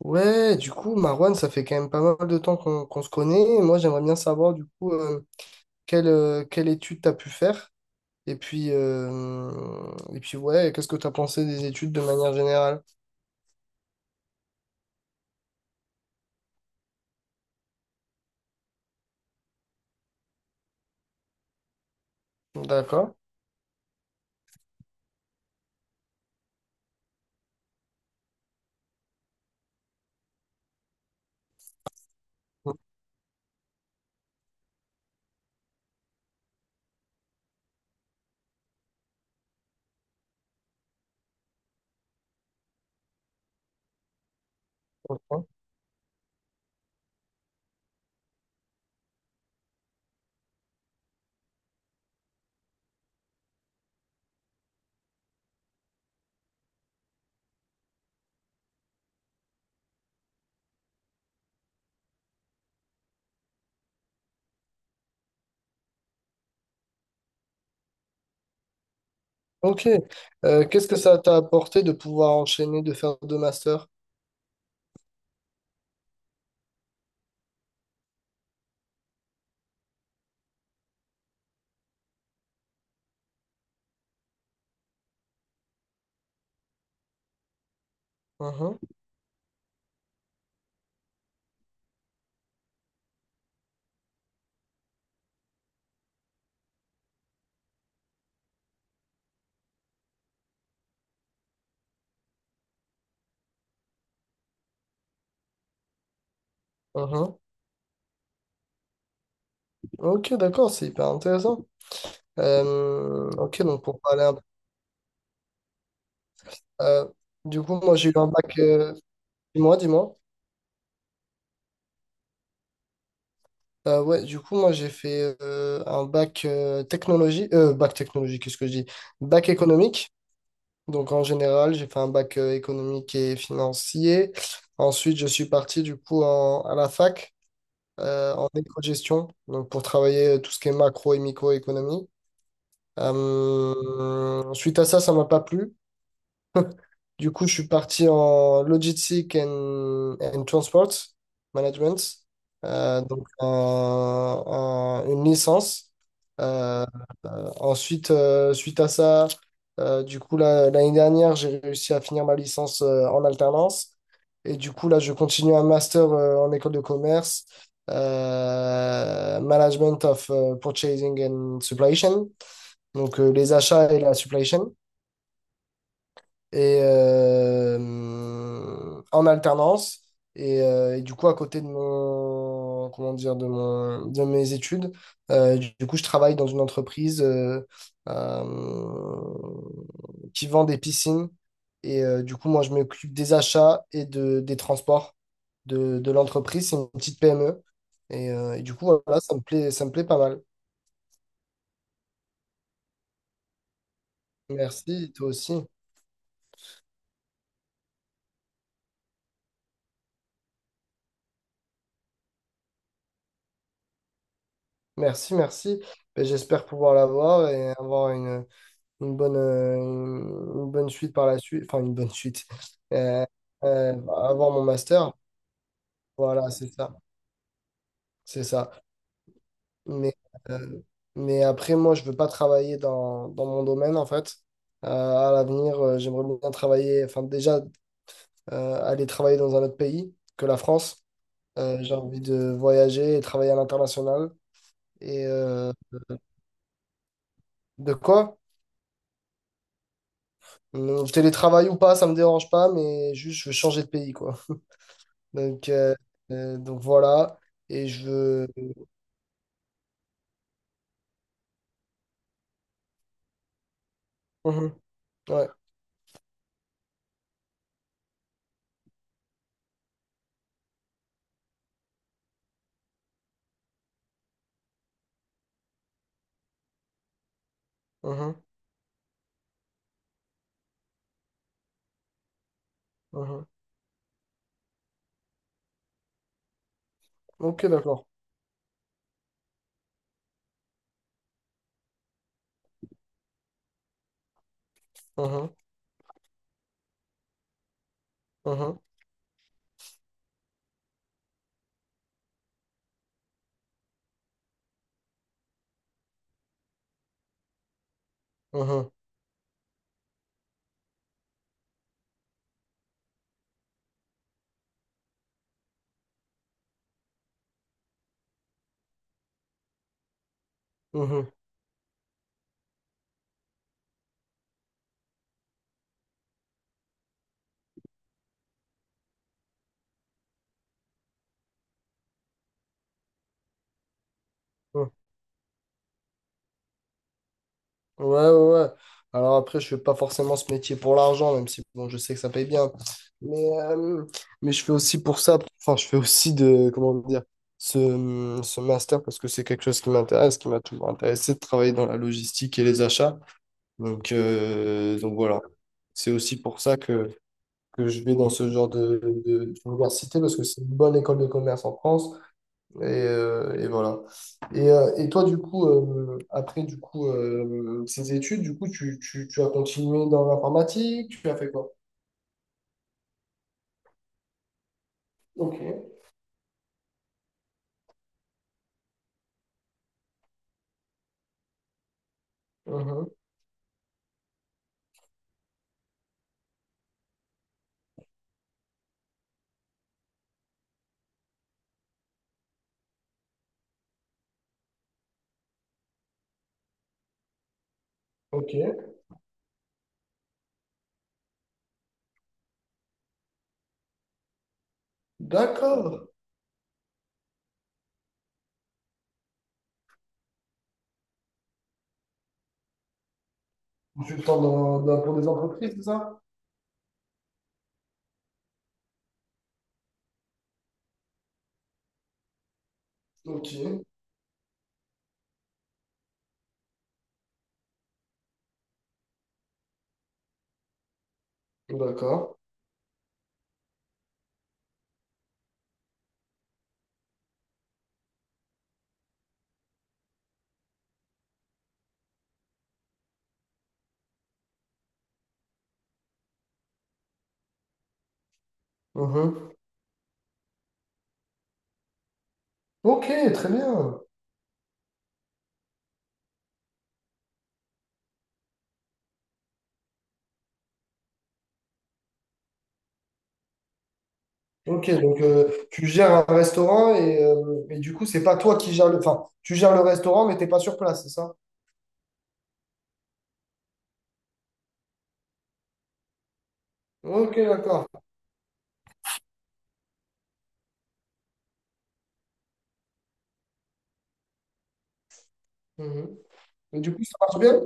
Ouais, du coup, Marwan, ça fait quand même pas mal de temps qu'on se connaît. Et moi, j'aimerais bien savoir, du coup, quelle, quelle étude tu as pu faire. Et puis ouais, qu'est-ce que tu as pensé des études de manière générale? D'accord. Ok. Qu'est-ce que ça t'a apporté de pouvoir enchaîner, de faire deux masters? Mhm, mhm. Ok, d'accord, c'est hyper intéressant. Ok, donc pour parler un peu. euh, du coup, moi, j'ai eu un bac. Dis-moi, dis-moi. Ouais, du coup, moi, j'ai fait un bac technologie. Bac technologie, qu'est-ce que je dis? Bac économique. Donc, en général, j'ai fait un bac économique et financier. Ensuite, je suis parti, du coup, à la fac, en éco-gestion. Donc, pour travailler tout ce qui est macro et microéconomie. Suite à ça, ça m'a pas plu. Du coup, je suis parti en Logistic and Transport Management, donc une licence. Euh, Ensuite, suite à ça, du coup, là, l'année dernière, j'ai réussi à finir ma licence en alternance. Et du coup, là, je continue un master en école de commerce, Management of Purchasing and Supply Chain, donc les achats et la supply chain et en alternance. Et du coup, à côté de mon, comment dire, de mon, de mes études, du coup, je travaille dans une entreprise euh, qui vend des piscines. Et du coup, moi, je m'occupe des achats et de, des transports de l'entreprise. C'est une petite PME. Et du coup, voilà, ça me plaît pas mal. Merci, toi aussi. Merci, merci. Ben, j'espère pouvoir l'avoir et avoir une bonne, euh, une bonne suite par la suite, enfin une bonne suite. Euh, euh, Avoir mon master. Voilà, c'est ça, c'est ça. Mais, euh, mais après, moi, je veux pas travailler dans, dans mon domaine, en fait. À l'avenir, j'aimerais bien travailler, enfin déjà, aller travailler dans un autre pays que la France. J'ai envie de voyager et travailler à l'international. Et de quoi? Télétravail ou pas, ça me dérange pas, mais juste, je veux changer de pays, quoi. Donc, euh, donc voilà. Et je veux. Mhm. Ouais. Mhm. Mhm. Ok, d'accord. Mhm. Mhm. Mhm. Mhm. Mhm. Ouais, ouais, ouais. Alors après, je fais pas forcément ce métier pour l'argent, même si bon, je sais que ça paye bien. Mais, euh, mais je fais aussi pour ça. Enfin, je fais aussi de, comment dire, ce, ce master parce que c'est quelque chose qui m'intéresse, qui m'a toujours intéressé de travailler dans la logistique et les achats. Donc voilà. C'est aussi pour ça que je vais dans ce genre de, d'université parce que c'est une bonne école de commerce en France. Et voilà. Et toi, du coup, après du coup, ces études, du coup, tu as continué dans l'informatique, tu as fait quoi? Ok. Mhm. Ok. D'accord. Consultant dans, dans, pour des entreprises, c'est ça? Ok. D'accord. Mhm. Ok, très bien. Ok, donc tu gères un restaurant et du coup, c'est pas toi qui gères le… Enfin, tu gères le restaurant, mais t'es pas sur place, c'est ça? Ok, d'accord. Mhm. Et du coup, ça marche bien?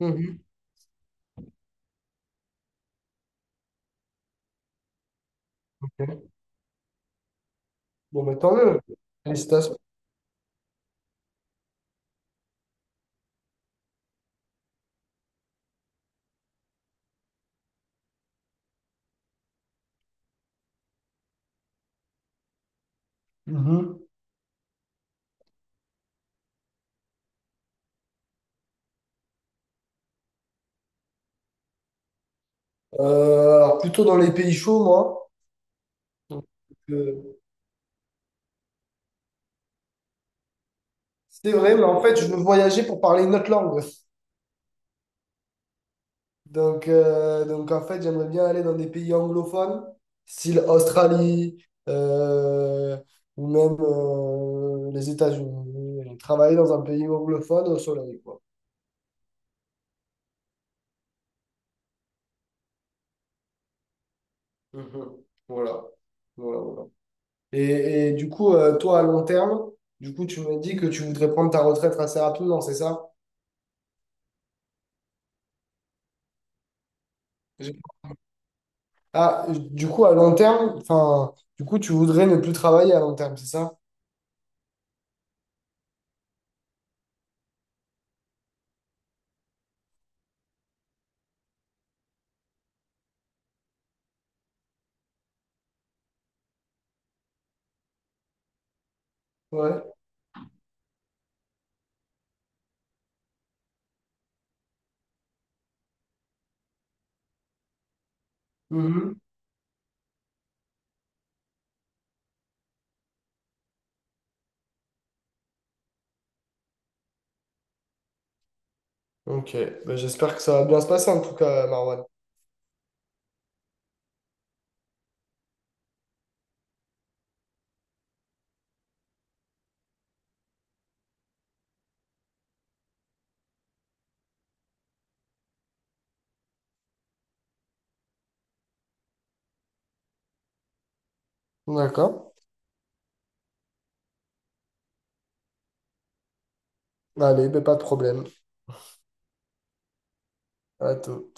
Mhm. Ok. Bon, mais tant mieux. Félicitations. Mhm. Alors, plutôt dans les pays chauds, moi. Donc, euh, c'est vrai, mais en fait, je veux voyager pour parler une autre langue. Donc en fait, j'aimerais bien aller dans des pays anglophones, style Australie, ou même les États-Unis. Travailler dans un pays anglophone au soleil, quoi. Mhm. Voilà. Voilà, voilà. Et du coup, toi, à long terme, du coup, tu me dis que tu voudrais prendre ta retraite assez rapidement, c'est ça? J'ai- Ah, du coup, à long terme, enfin, du coup, tu voudrais ne plus travailler à long terme, c'est ça? Ouais. Mhm. Ok, ben, j'espère que ça va bien se passer en tout cas, Marwan. D'accord. Allez, ben, pas de problème. À tout.